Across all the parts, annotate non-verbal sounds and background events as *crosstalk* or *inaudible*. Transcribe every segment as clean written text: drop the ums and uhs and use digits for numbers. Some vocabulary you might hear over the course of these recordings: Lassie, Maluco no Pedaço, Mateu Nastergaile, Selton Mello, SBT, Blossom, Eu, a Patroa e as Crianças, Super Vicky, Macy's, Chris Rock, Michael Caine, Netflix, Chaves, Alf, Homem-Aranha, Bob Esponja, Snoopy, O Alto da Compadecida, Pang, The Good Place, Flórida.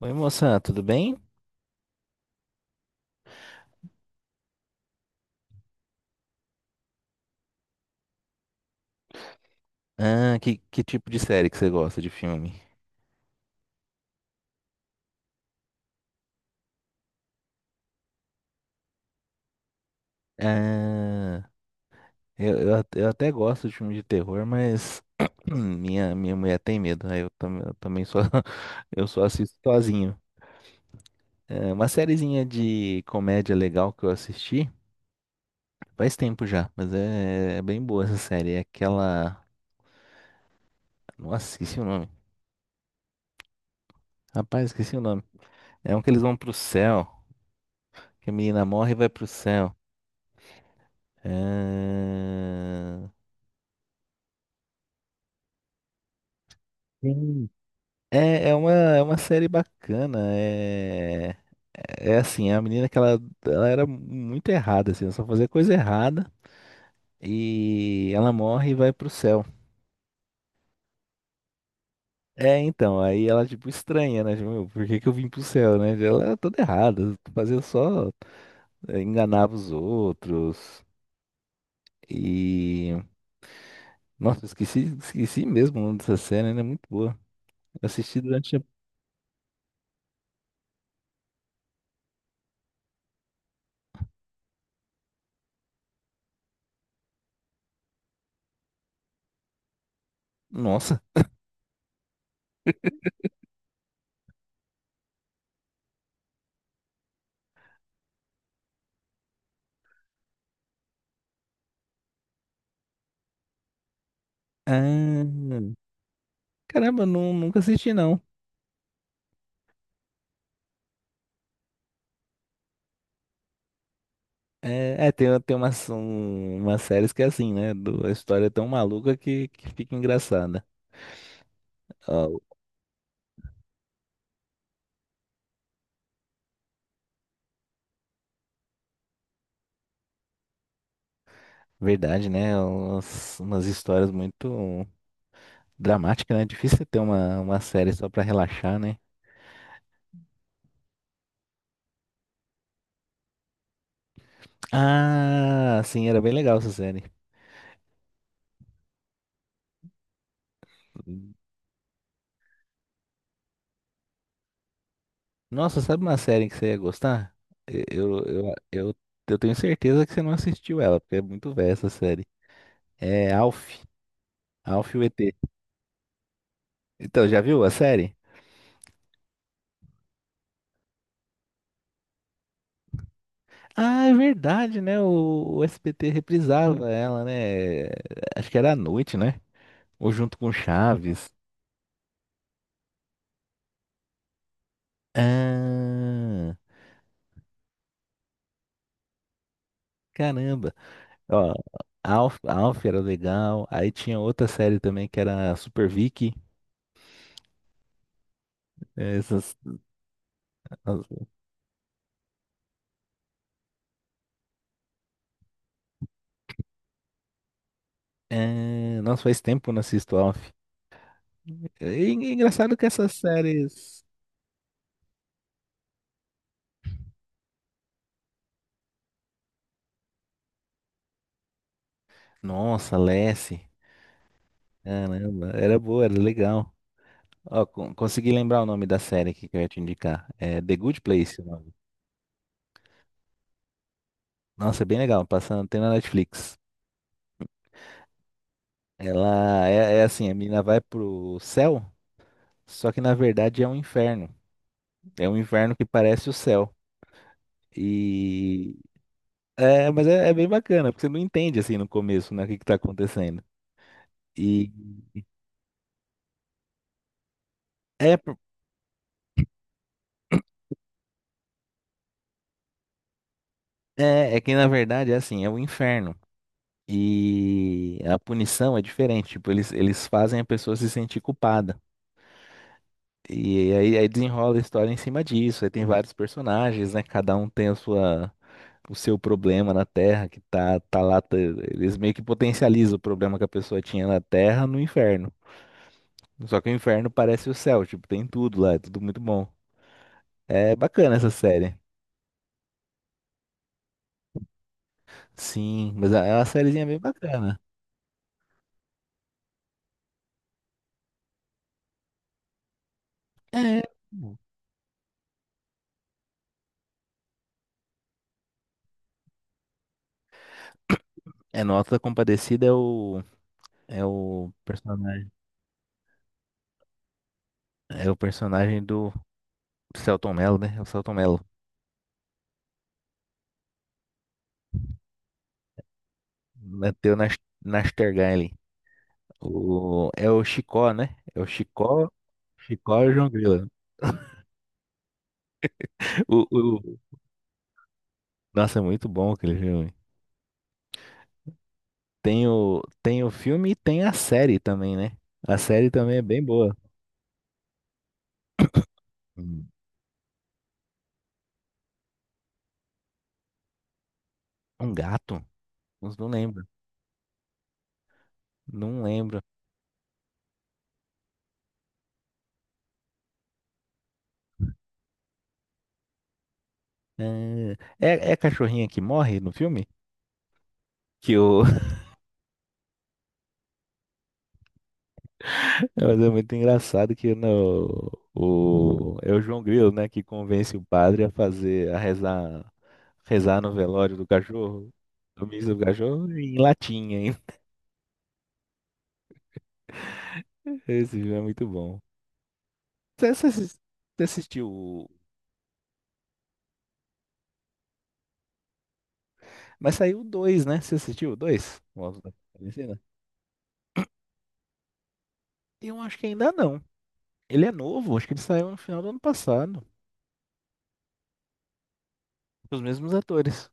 Oi, moça, tudo bem? Ah, que tipo de série que você gosta de filme? Ah, eu até gosto de filme de terror, mas *clears throat* minha mulher tem medo, aí eu também só, *laughs* eu só assisto sozinho. É uma sériezinha de comédia legal que eu assisti faz tempo já, mas é bem boa essa série. É aquela. Nossa, esqueci o nome. Rapaz, esqueci o nome. É um que eles vão pro céu, que a menina morre e vai pro céu. É... É uma série bacana. É assim, a menina que ela era muito errada, assim, ela só fazia coisa errada e ela morre e vai pro céu. É, então, aí ela tipo estranha, né? Tipo, "Meu, por que que eu vim pro céu, né? Ela era toda errada, fazia só, enganava os outros. E nossa, esqueci mesmo o nome dessa série, né? Muito boa. Eu assisti durante a... Nossa. Ah, caramba, não, nunca assisti não. É, tem umas séries que é assim, né? A história é tão maluca que fica engraçada. Ó, verdade, né? Umas histórias muito dramáticas, né? É difícil você ter uma série só pra relaxar, né? Ah, sim, era bem legal essa série. Nossa, sabe uma série que você ia gostar? E- Eu, eu, eu, eu tenho certeza que você não assistiu ela, porque é muito velha essa série. É Alf, Alf e o ET. Então, já viu a série? Ah, é verdade, né? O SBT reprisava ela, né? Acho que era à noite, né? Ou junto com Chaves. Ah, caramba. Ó, Alf, Alf era legal. Aí tinha outra série também que era Super Vicky. Essas, as- Nossa, faz tempo que eu não assisto Alf. E engraçado que essas séries. Nossa, Lassie. Caramba, era boa, era legal. Ó, consegui lembrar o nome da série aqui que eu ia te indicar. É The Good Place. Nossa, é bem legal. Passando, tem na Netflix. Ela é assim, a menina vai pro céu, só que na verdade é um inferno. É um inferno que parece o céu. E mas é bem bacana, porque você não entende assim no começo, né, o que que tá acontecendo. E é, por- é que na verdade é assim, é o inferno. E a punição é diferente, tipo, eles fazem a pessoa se sentir culpada. E aí desenrola a história em cima disso. Aí tem vários personagens, né? Cada um tem a sua, o seu problema na Terra, que tá lá. Eles meio que potencializam o problema que a pessoa tinha na Terra no inferno. Só que o inferno parece o céu, tipo, tem tudo lá, é tudo muito bom. É bacana essa série. Sim, mas é uma sériezinha bem bacana. É. É Nota Compadecida é o. É o personagem. É o personagem do Selton Mello, né? É o Selton Mello. Mateu Nastergaile. É o Chicó, né? É o Chicó, Chicó e o João Grilo. *laughs* O, o, nossa, é muito bom aquele filme. Tem o filme e tem a série também, né? A série também é bem boa. Um, um gato? Não lembro. Não lembro. É, é a cachorrinha que morre no filme? Que o, Mas é muito engraçado que no, o, é o João Grilo, né, que convence o padre a fazer, a rezar no velório do cachorro, do missa do cachorro, em latim ainda. *laughs* Esse filme é muito bom. Você, você assis- você assistiu? Mas saiu o dois, né? Você assistiu o dois? O Alto da Compadecida? Eu acho que ainda não. Ele é novo, acho que ele saiu no final do ano passado, com os mesmos atores.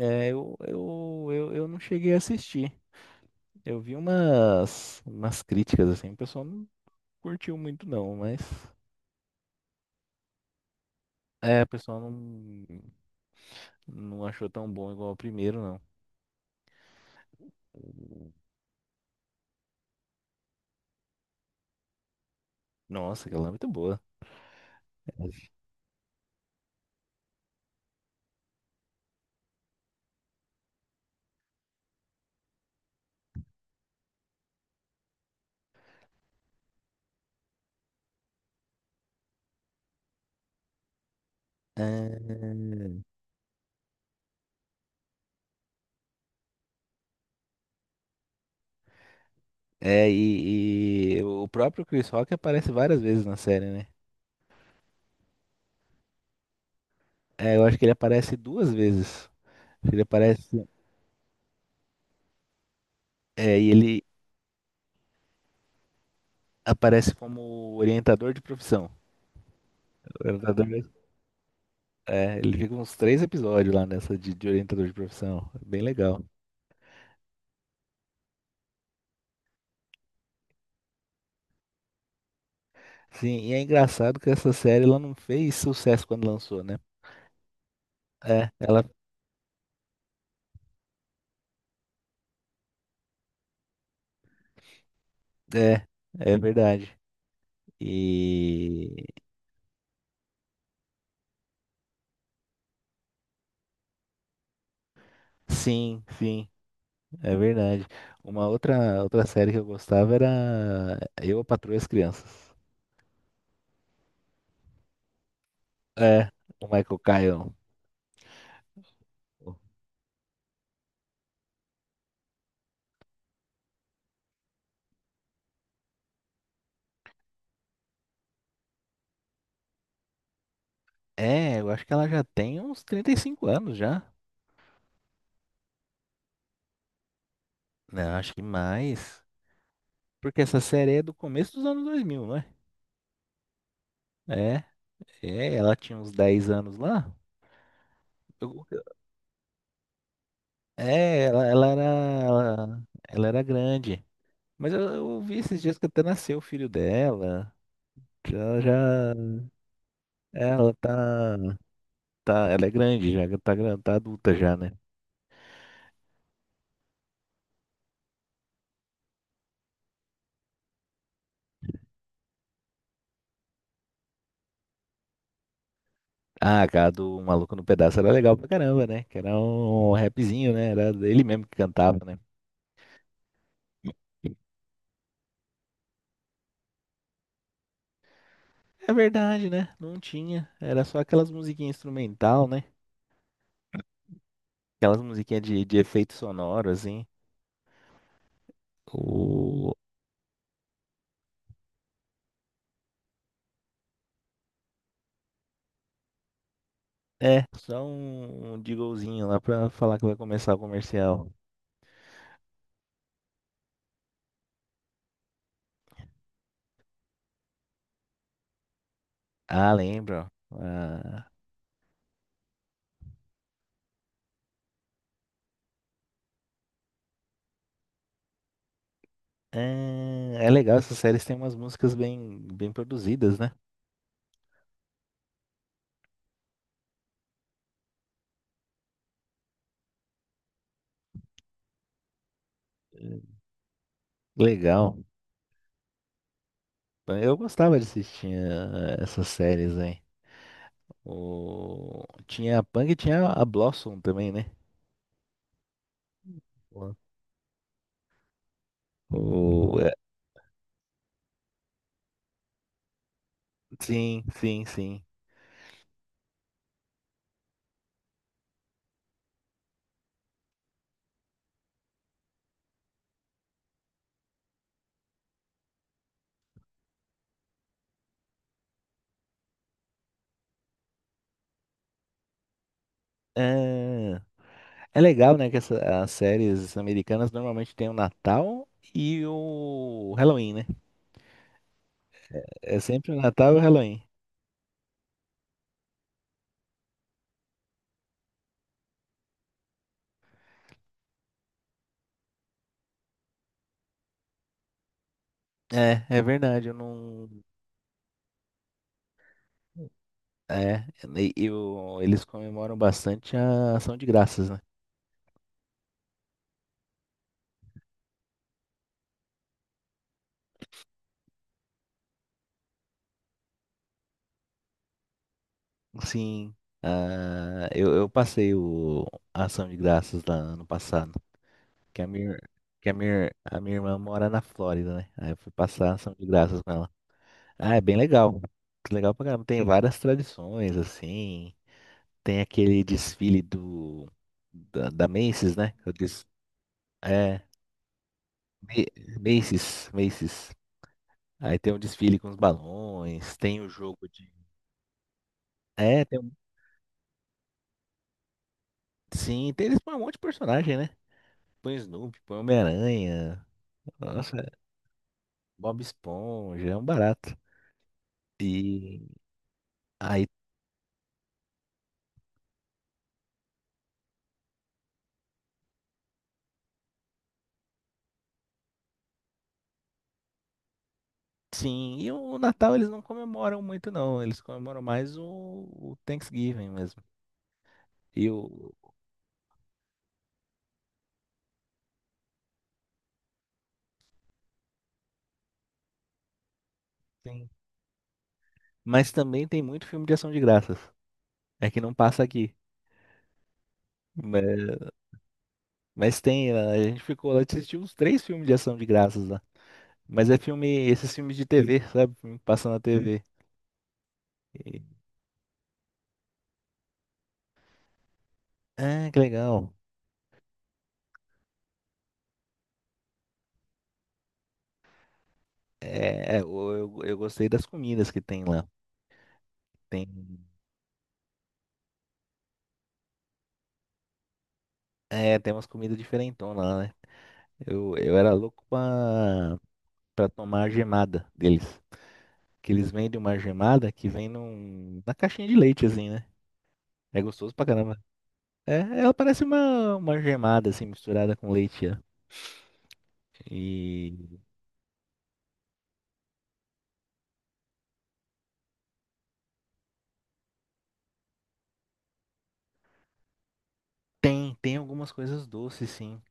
É, eu não cheguei a assistir. Eu vi umas críticas, assim, o pessoal não curtiu muito não, mas o pessoal não achou tão bom igual o primeiro, não. Nossa, aquela é muito boa. É, e o próprio Chris Rock aparece várias vezes na série, né? É, eu acho que ele aparece duas vezes. Ele aparece, e ele aparece como orientador de profissão. Orientador, ele fica uns três episódios lá nessa de orientador de profissão. Bem legal. Sim, e é engraçado que essa série ela não fez sucesso quando lançou, né? É, ela é, é verdade. E sim, sim, é verdade. Uma outra série que eu gostava era Eu, a Patroa e as Crianças. É, o Michael Caine. É, eu acho que ela já tem uns 35 anos já. Não, acho que mais. Porque essa série é do começo dos anos 2000, não é? É, é, ela tinha uns 10 anos lá. Eu, É, ela ela era grande. Mas eu vi esses dias que até nasceu o filho dela. Que Ela já, é, ela tá, tá, ela é grande já, tá adulta já, né? Ah, cara, do Maluco no Pedaço era legal pra caramba, né? Que era um rapzinho, né? Era ele mesmo que cantava, né? É verdade, né? Não tinha. Era só aquelas musiquinhas instrumental, né? Aquelas musiquinhas de efeito sonoro, assim. O... É, só um jinglezinho lá pra falar que vai começar o comercial. Ah, lembro. Ah, é legal, essas séries têm umas músicas bem, bem produzidas, né? Legal. Eu gostava de assistir essas séries aí. Tinha a Pang e tinha a Blossom também, né? Boa. O... é, Sim, sim, sim. É, é legal, né, que as séries americanas normalmente têm o Natal e o Halloween, né? É sempre o Natal e o Halloween. É, é verdade, eu não. É, eles comemoram bastante a ação de graças, né? Sim, ah, eu passei a ação de graças lá ano passado, que a minha irmã mora na Flórida, né? Aí eu fui passar a ação de graças com ela. Ah, é bem legal. Legal pra caramba. Tem várias tradições, assim. Tem aquele desfile da Macy's, né? Eu disse, é, Ma- Macy's, Macy's. Aí tem um desfile com os balões, tem o jogo de. É, tem um. Sim, tem, eles põem um monte de personagem, né? Põe o Snoopy, põe o Homem-Aranha, nossa, Bob Esponja, é um barato. E aí sim, e o Natal eles não comemoram muito, não. Eles comemoram mais o Thanksgiving mesmo. E o. Sim. Mas também tem muito filme de ação de graças. É que não passa aqui. Mas, mas tem, a gente ficou lá, assistiu uns três filmes de ação de graças. Mas é filme, esses filmes de TV, sabe? Filme que passa na TV. E- ah, que legal. É, eu gostei das comidas que tem lá. Tem, tem umas comidas diferentonas lá, né? Eu era louco pra tomar a gemada deles. Que eles vendem uma gemada que vem na caixinha de leite, assim, né? É gostoso pra caramba. É, ela parece uma gemada, assim, misturada com leite, ó. E tem algumas coisas doces, sim.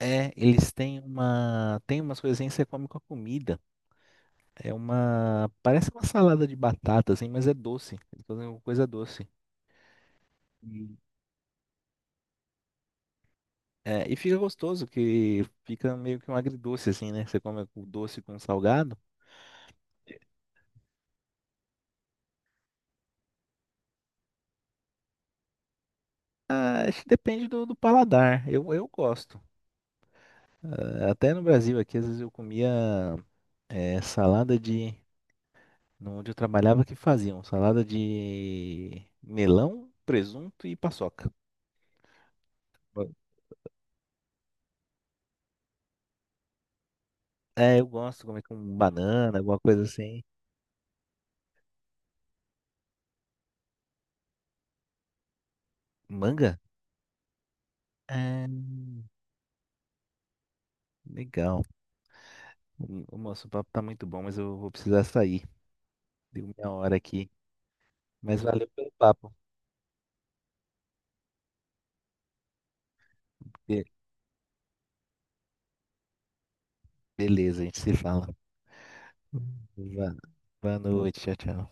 É, eles têm tem umas coisinhas que você come com a comida. Parece uma salada de batata, assim, mas é doce. Eles fazem uma coisa doce. E, e fica gostoso, que fica meio que um agridoce, assim, né? Você come o doce com o salgado. Ah, acho que depende do paladar. Eu gosto. Ah, até no Brasil aqui, às vezes eu comia salada de, no- onde eu trabalhava, que faziam salada de melão, presunto e paçoca. É, eu gosto de comer com banana, alguma coisa assim. Manga? É, legal. O Moço, o nosso papo tá muito bom, mas eu vou precisar sair. Deu minha hora aqui. Mas valeu pelo papo. Be- beleza, a gente se fala. Boa, boa noite, tchau, tchau.